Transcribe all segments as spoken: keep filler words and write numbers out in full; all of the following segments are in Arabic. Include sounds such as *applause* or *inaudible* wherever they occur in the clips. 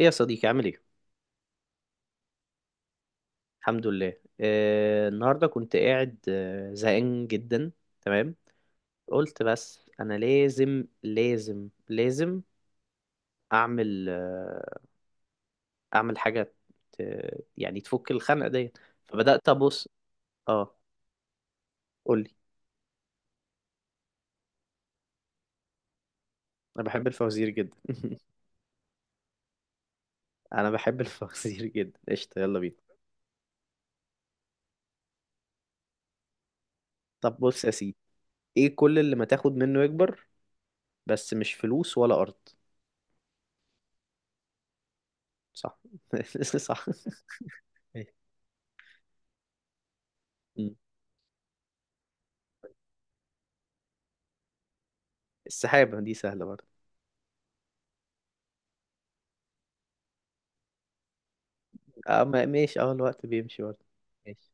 ايه يا صديقي عامل ايه؟ الحمد لله. آه النهارده كنت قاعد آه، زهقان جدا. تمام. قلت بس انا لازم لازم لازم اعمل آه اعمل حاجه ت... يعني تفك الخنقه ديت. فبدات ابص. اه قولي. انا بحب الفوازير جدا *laughs* انا بحب الفوازير جدا، قشطه يلا بينا. طب بص يا سيدي، ايه كل اللي ما تاخد منه يكبر، بس مش فلوس ولا ارض؟ صح. *laughs* صح. إيه؟ السحابه دي سهله برضه. اه ما- ماشي، اه الوقت بيمشي برضه. ماشي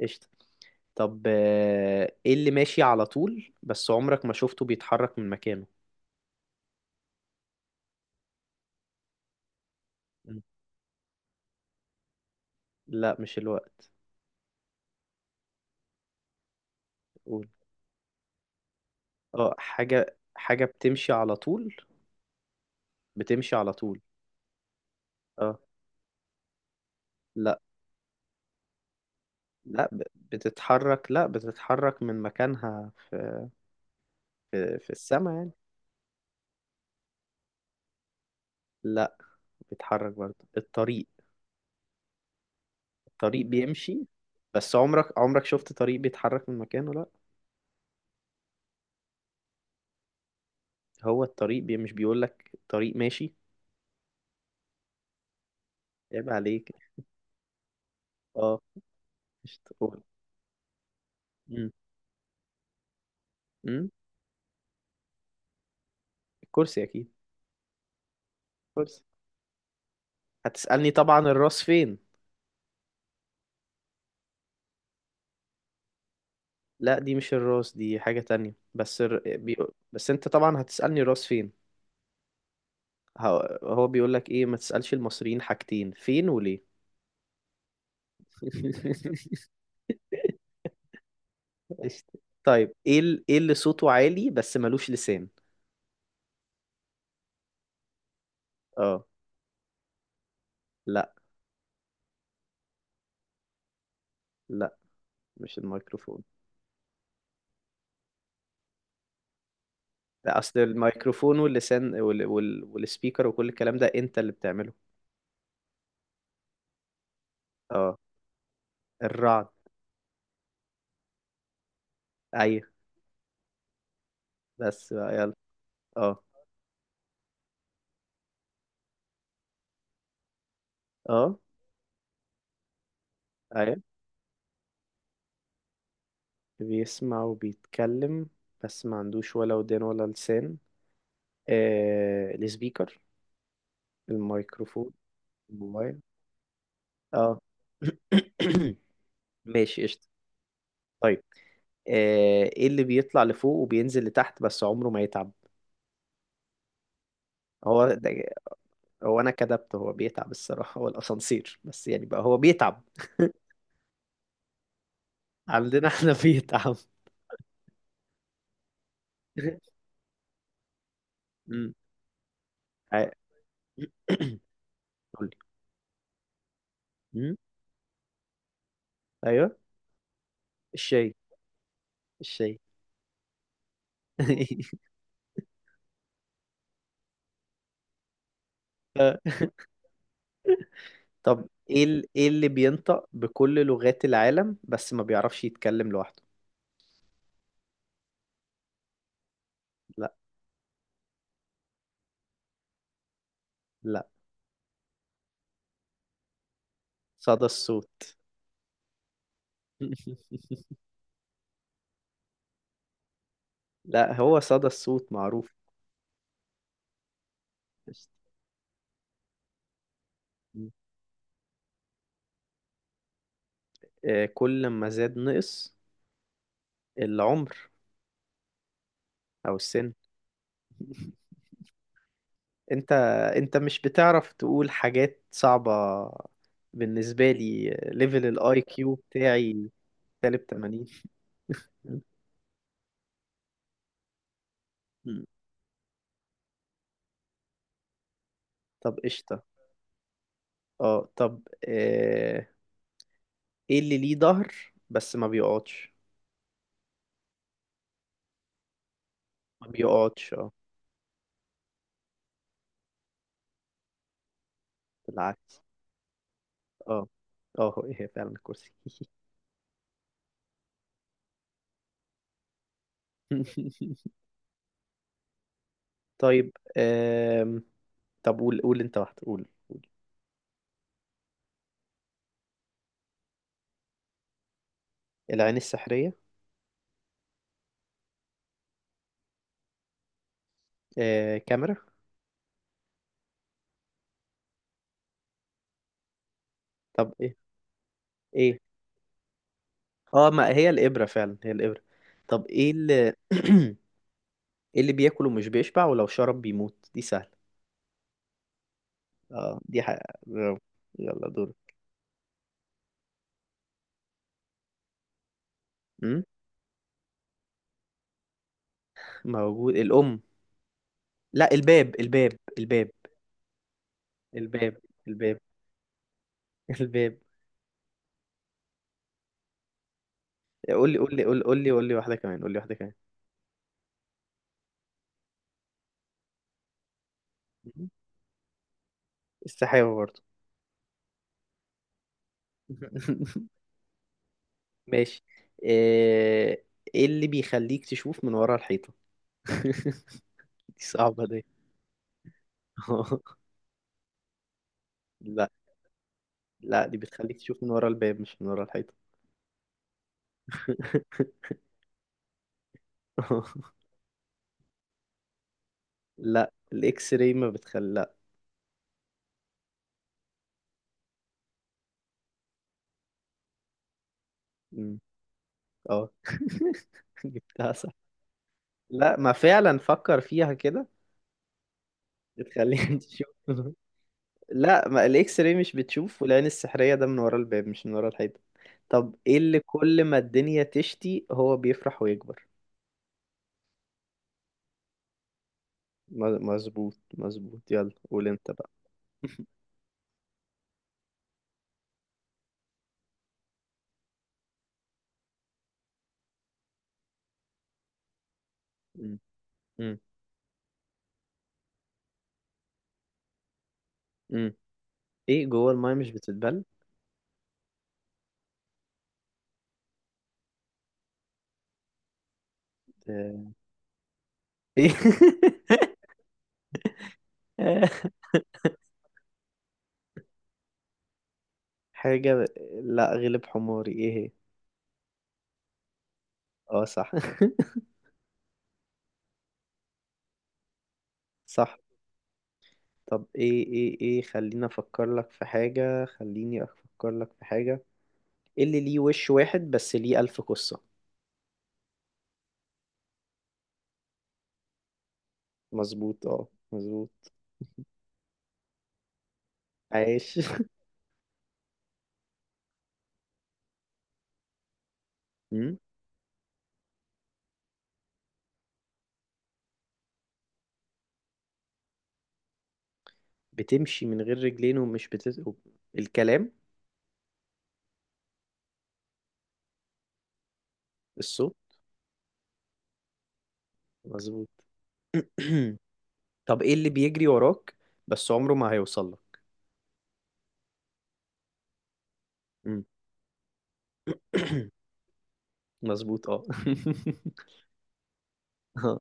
قشطة. طب آه، ايه اللي ماشي على طول بس عمرك ما شفته بيتحرك من مكانه؟ م. لا مش الوقت. قول. اه حاجة حاجة بتمشي على طول، بتمشي على طول. اه لا، لا ب- بتتحرك، لا بتتحرك من مكانها في في, في السماء يعني. لا بتتحرك برضه الطريق، الطريق بيمشي بس عمرك، عمرك شفت طريق بيتحرك من مكانه؟ لا. هو الطريق بي مش بيقولك طريق ماشي؟ عيب عليك. اه، مش تقول. مم. مم. الكرسي اكيد. كرسي. هتسألني طبعا الراس فين. لا دي مش الراس، دي حاجة تانية بس الر... بي... بس انت طبعا هتسألني الراس فين. هو, هو بيقول لك ايه، ما تسألش المصريين حاجتين فين وليه. *laughs* قشطة. طيب ايه ال... ايه اللي صوته عالي بس ملوش لسان؟ اه. لا. لا مش الميكروفون. لا، اصل الميكروفون واللسان وال... وال... والسبيكر وكل الكلام ده انت اللي بتعمله. اه الرعد. ايوه. بس بقى يلا. اه. اه ايوه، بيسمع وبيتكلم بس ما عندوش ولا ودان ولا لسان. آه السبيكر، الميكروفون، الموبايل. اه. *coughs* ماشي قشطة. طيب آه، ايه اللي بيطلع لفوق وبينزل لتحت بس عمره ما يتعب؟ هو ده. هو انا كدبت، هو بيتعب الصراحة، هو الاسانسير بس يعني بقى هو بيتعب *laughs* عندنا احنا بيتعب. *laughs* امم عا- *coughs* قولي. امم ايوه. الشاي. الشاي. *laughs* طب ايه ال- ايه اللي بينطق بكل لغات العالم بس ما بيعرفش يتكلم لوحده؟ لا. لا. صدى الصوت. *laughs* لا هو صدى الصوت معروف. آه، كل ما زاد نقص، العمر او السن. انت، انت مش بتعرف تقول حاجات صعبة بالنسبة لي، ليفل الاي كيو بتاعي سالب تمانين. *laughs* طب قشطة. اه طب آه، ايه اللي ليه ظهر بس ما بيقعدش؟ ما بيقعدش اه. بالعكس. اه. اه هو- إيه، هي فعلا الكرسي. *laughs* طيب آم... طب قول، قول انت واحدة قول. العين السحرية. آه، كاميرا. طب ايه؟ ايه؟ اه ما هي الإبرة، فعلا هي الإبرة. طب ايه اللي *clears throat* ايه اللي بياكل ومش بيشبع ولو شرب بيموت؟ دي سهلة. اه دي حقيقة برافو. يلا دور. م؟ موجود، الأم. لا، الباب الباب الباب. الباب. الباب. *laughs* الباب. قول لي قول لي قول قول لي قول لي واحدة كمان، قول لي واحدة كمان. السحابة برضو. *laughs* ماشي. آه، ايه اللي بيخليك تشوف من ورا الحيطة؟ *laughs* دي صعبة دي. *laughs* لا. لا دي بتخليك تشوف من ورا الباب مش من ورا الحيطة. *laughs* لا الاكس راي ما بتخلي، لا. مم. اه *laughs* جبتها صح. لا ما فعلا فكر فيها كده، بتخليك *laughs* تشوف. لا ما الاكس راي مش بتشوف، والعين السحرية ده من ورا الباب مش من ورا الحيطة. طب ايه اللي كل ما الدنيا تشتي هو بيفرح ويكبر؟ م- مظبوط مظبوط، يلا قول انت بقى. مم. مم. مم. ايه جوه المايه مش بتتبل؟ آه، ايه *laughs* حاجة ب... لا غلب حماري، ايه هي؟ اه صح. *laughs* صح. طب ايه ايه ايه خليني افكر لك في حاجة، خليني افكر لك في حاجة. إيه اللي ليه وش واحد بس ليه ألف قصة؟ مظبوط اه مظبوط. عايش. *laughs* مم. بتمشي من غير رجلين ومش بتس... الكلام. الصوت. مظبوط. *clears throat* طب ايه اللي بيجري وراك بس عمره ما هيوصل لك؟ مم. *clears throat* مظبوط اه. *laughs* آه.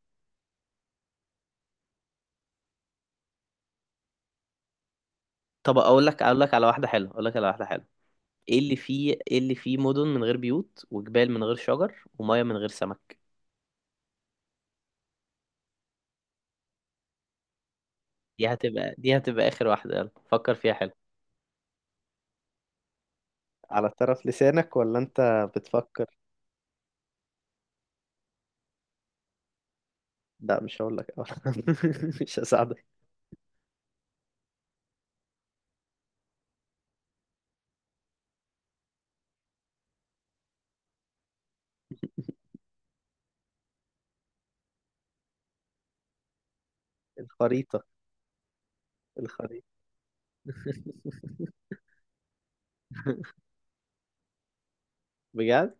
طب اقول لك اقول لك على واحده حلوه اقول لك على واحده حلوه، ايه اللي فيه ايه اللي فيه مدن من غير بيوت وجبال من غير شجر وميه من غير سمك؟ دي هتبقى دي هتبقى اخر واحده، يلا فكر فيها حلو. على طرف لسانك ولا انت بتفكر؟ لا مش هقول لك، *laughs* مش هساعدك. الخريطة. الخريطة. بجد؟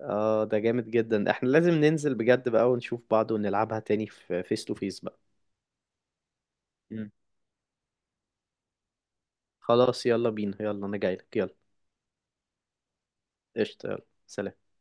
اه ده جامد جدا، احنا لازم ننزل بجد بقى ونشوف بعض ونلعبها تاني في فيس تو فيس بقى. مم. خلاص يلا بينا، يلا انا جايلك يلا. قشطة يلا. سلام.